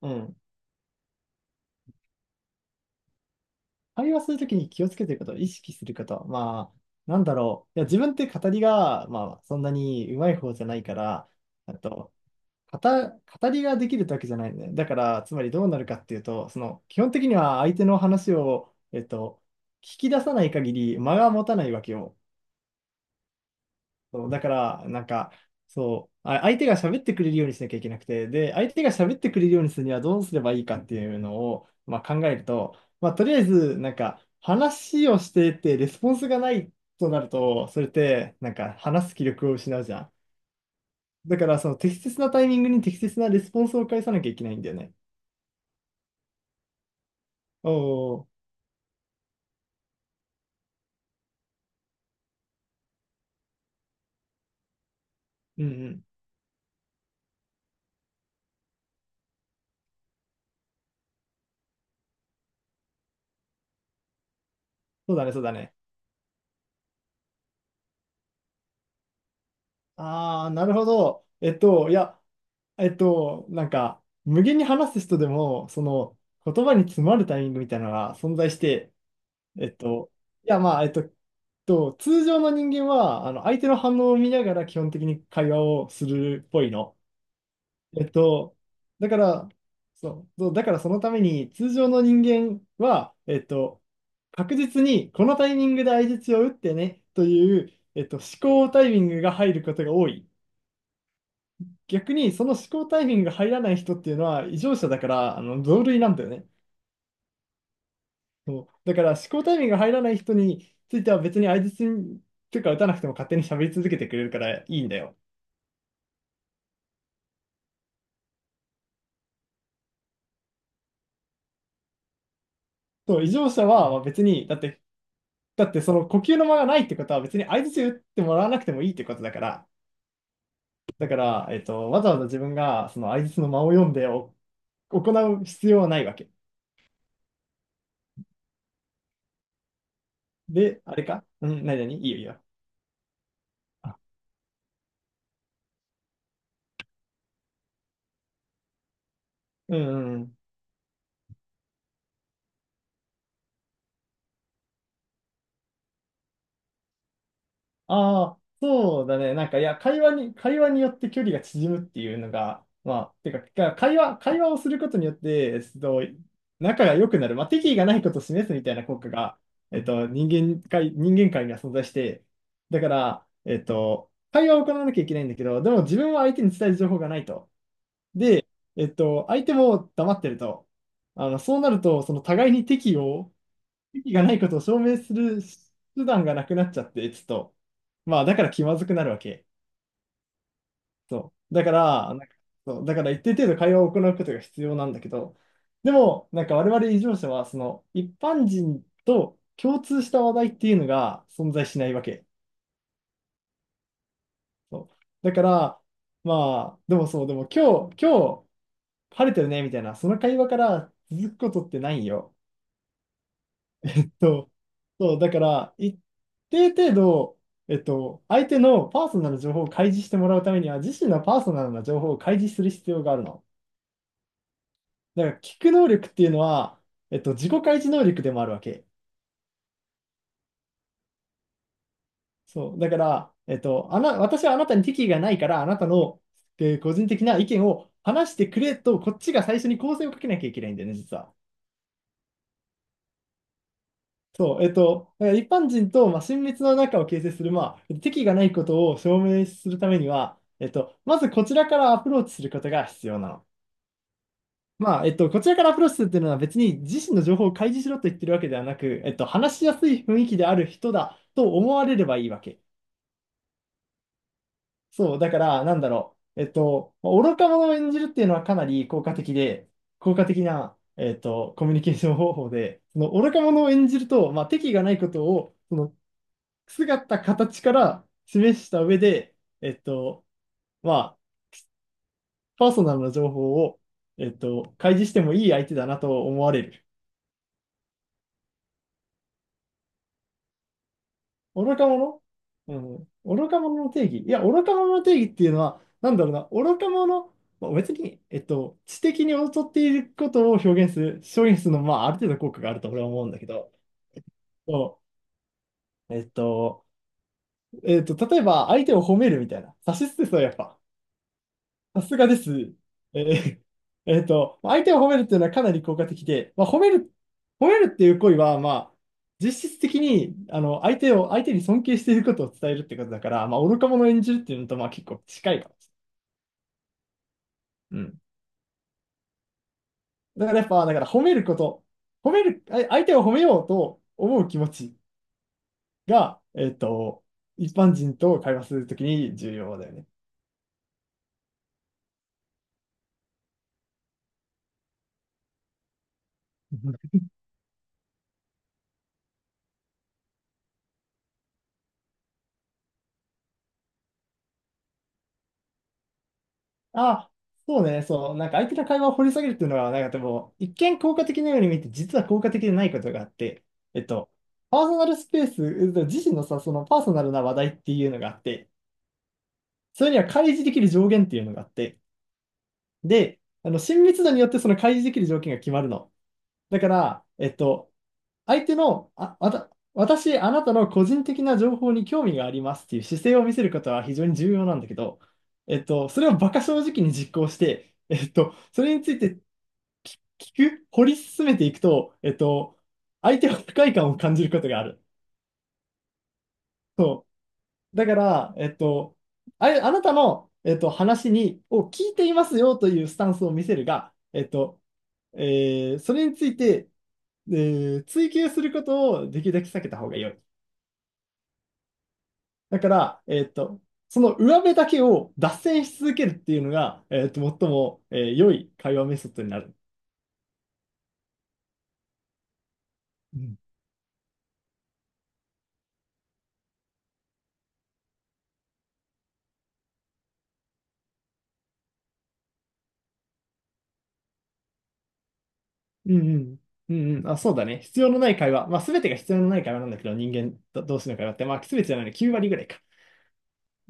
うん。会話するときに気をつけてること、意識すること。まあ、なんだろう。いや、自分って語りが、まあ、そんなに上手い方じゃないから、あと、語りができるってわけじゃないんだよね。だから、つまりどうなるかっていうと、その、基本的には相手の話を、聞き出さない限り間が持たないわけよ。そう、だから、なんか、そう、相手が喋ってくれるようにしなきゃいけなくて、で、相手が喋ってくれるようにするにはどうすればいいかっていうのを、まあ、考えると、まあ、とりあえず、なんか、話をしてて、レスポンスがないとなると、それって、なんか、話す気力を失うじゃん。だから、その適切なタイミングに適切なレスポンスを返さなきゃいけないんだよね。おおうんうん。そうだね、そうだね。ああ、なるほど。なんか、無限に話す人でも、その、言葉に詰まるタイミングみたいなのが存在して、えっと、いや、まあ、えっと、通常の人間は、あの、相手の反応を見ながら基本的に会話をするっぽいの。えっと、だから、そうだからそのために、通常の人間は、確実に、このタイミングで相槌を打ってね、という、思考タイミングが入ることが多い。逆にその思考タイミングが入らない人っていうのは異常者だから、あの同類なんだよね。そうだから思考タイミングが入らない人については、別に相槌にというか打たなくても勝手に喋り続けてくれるからいいんだよ。そう、異常者はまあ別に、だってその呼吸の間がないってことは別に相槌打ってもらわなくてもいいってことだから、わざわざ自分がその相槌の間を読んで行う必要はないわけ。で、あれか、うん、何々、いいよいいよ。あ、うんうんうん。ああ、そうだね。なんか、いや、会話によって距離が縮むっていうのが、まあ、てか、会話をすることによって、仲が良くなる、まあ、敵意がないことを示すみたいな効果が、えっと、人人間界には存在して、だから、会話を行わなきゃいけないんだけど、でも自分は相手に伝える情報がないと。で、相手も黙ってると。あの、そうなると、その互いに敵意を意がないことを証明する手段がなくなっちゃって、ちょっと、まあ、だから気まずくなるわけ。そう。だから、なんか、そう、だから一定程度会話を行うことが必要なんだけど、でも、なんか我々異常者は、その、一般人と共通した話題っていうのが存在しないわけ。そう。だから、まあ、でもそう、でも今日、晴れてるね、みたいな、その会話から続くことってないよ。そう、そう、だから、一定程度、相手のパーソナルな情報を開示してもらうためには、自身のパーソナルな情報を開示する必要があるの。だから、聞く能力っていうのは、自己開示能力でもあるわけ。そう、だから、えっと、あな、私はあなたに敵意がないから、あなたの、個人的な意見を話してくれと、こっちが最初に構成をかけなきゃいけないんだよね、実は。そう、一般人と、まあ、親密な仲を形成する、まあ、敵がないことを証明するためには、まずこちらからアプローチすることが必要なの。まあ、こちらからアプローチするっていうのは別に自身の情報を開示しろと言ってるわけではなく、話しやすい雰囲気である人だと思われればいいわけ。そう、だから、なんだろう。まあ愚か者を演じるっていうのはかなり効果的で、効果的な、コミュニケーション方法で、その愚か者を演じると、まあ、敵意がないことを、その姿、形から示した上で、えっと、まあ、パーソナルな情報を、開示してもいい相手だなと思われる。愚か者、うん。愚か者の定義。いや、愚か者の定義っていうのは、なんだろうな、愚か者、まあ、別に、知的に劣っていることを表現する、のはまあ、ある程度効果があると俺は思うんだけど、そう、例えば、相手を褒めるみたいな。指し捨てそう、やっぱ。さすがです。えー まあ相手を褒めるっていうのはかなり効果的で、まあ、褒める、っていう行為は、まあ、実質的にあの相手を、相手に尊敬していることを伝えるってことだから、まあ、愚か者を演じるっていうのと、まあ、結構近いかもしれない。うん。だからやっぱ、だから褒めること、褒める、相手を褒めようと思う気持ちが、一般人と会話するときに重要だよね。あ、そうね、そう、なんか相手の会話を掘り下げるっていうのは、なんかでも、一見効果的なように見て、実は効果的でないことがあって、えっと、パーソナルスペース、自身のさ、そのパーソナルな話題っていうのがあって、それには開示できる上限っていうのがあって、で、あの、親密度によってその開示できる条件が決まるの。だから、相手の、私、あなたの個人的な情報に興味がありますっていう姿勢を見せることは非常に重要なんだけど、それを馬鹿正直に実行して、それについて聞く、掘り進めていくと、相手は不快感を感じることがある。そう。だから、あなたの、を聞いていますよというスタンスを見せるが、それについて、追求することをできるだけ避けた方が良い。だから、その上辺だけを脱線し続けるっていうのが、最も、良い会話メソッドになる。うん。うんうん。うんうん。あ、そうだね。必要のない会話。まあ、すべてが必要のない会話なんだけど、人間ど同士の会話って、まあ、すべてじゃないの、9割ぐらいか。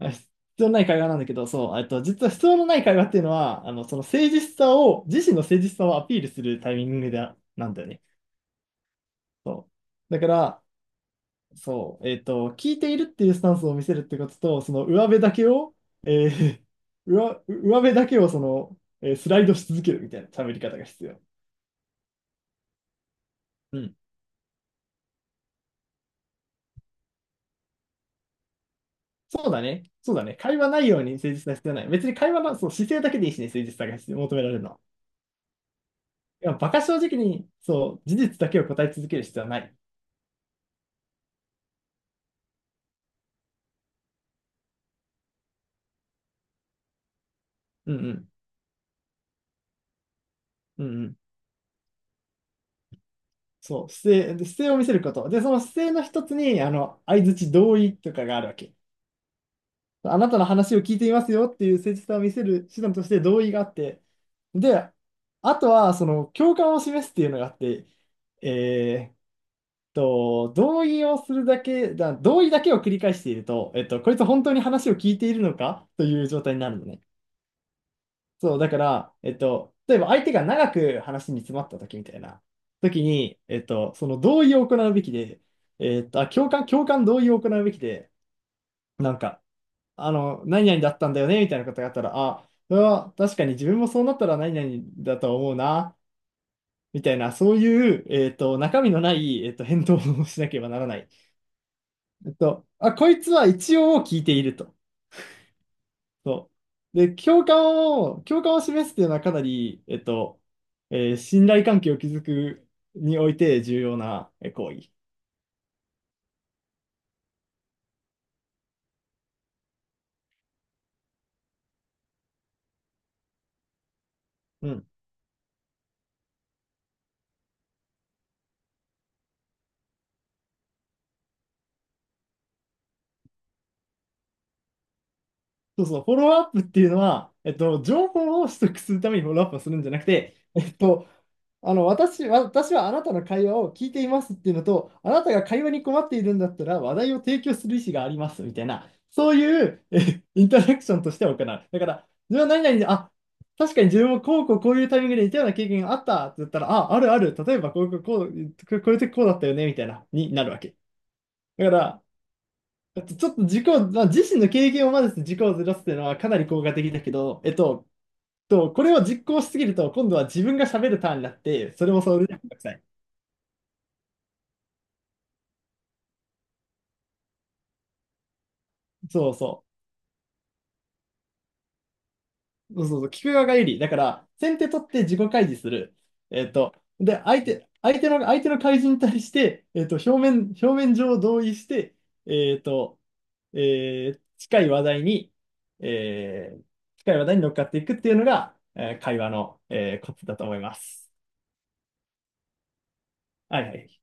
必要のない会話なんだけど、そう、実は必要のない会話っていうのは、あの、その誠実さを、自身の誠実さをアピールするタイミングで、なんだよね。そう。だから、そう、聞いているっていうスタンスを見せるってことと、その上辺だけを、えー、上辺だけをその、スライドし続けるみたいな喋り方が必要。うん。そうだね。そうだね。会話内容に誠実さは必要ない。別に会話の、そう、姿勢だけでいいしね、誠実さが必要、求められるのは。いや、馬鹿正直に、そう、事実だけを答え続ける必要はない。うんうん。うんうん。そう、姿勢、で姿勢を見せること。で、その姿勢の一つに、相槌同意とかがあるわけ。あなたの話を聞いていますよっていう誠実さを見せる手段として同意があって、で、あとはその共感を示すっていうのがあって、えーっ同意をするだけだ、同意だけを繰り返していると、こいつ本当に話を聞いているのかという状態になるのね。そう、だから、例えば相手が長く話に詰まった時みたいな時に、その同意を行うべきで、共感同意を行うべきで、なんか、あの、何々だったんだよね、みたいなことがあったら、あ、それは確かに自分もそうなったら何々だと思うな、みたいな、そういう、中身のない、返答をしなければならない。あ、こいつは一応聞いていると。そう。で、共感を示すっていうのはかなり、信頼関係を築くにおいて重要な行為。うん、そうそう、フォローアップっていうのは、情報を取得するためにフォローアップをするんじゃなくて、あの、私はあなたの会話を聞いていますっていうのと、あなたが会話に困っているんだったら話題を提供する意思がありますみたいな、そういうインタラクションとして行う。だから、自分は何々で、あ、確かに自分もこうこうこういうタイミングで似たような経験があったって言ったら、あ、あるある、例えばこうこうこう、こういう時こうだったよねみたいな、になるわけ。だから、ちょっとまあ、自身の経験を混ぜて軸をずらすっていうのはかなり効果的だけど、これを実行しすぎると、今度は自分が喋るターンになって、それもそれでめんどくさい。そうそう。そうそうそう。聞く側が有利。だから、先手取って自己開示する。で、相手の開示に対して、表面上同意して、えっと、えー近い話題に、えー近い話題に乗っかっていくっていうのが、会話の、コツだと思います。はいはい。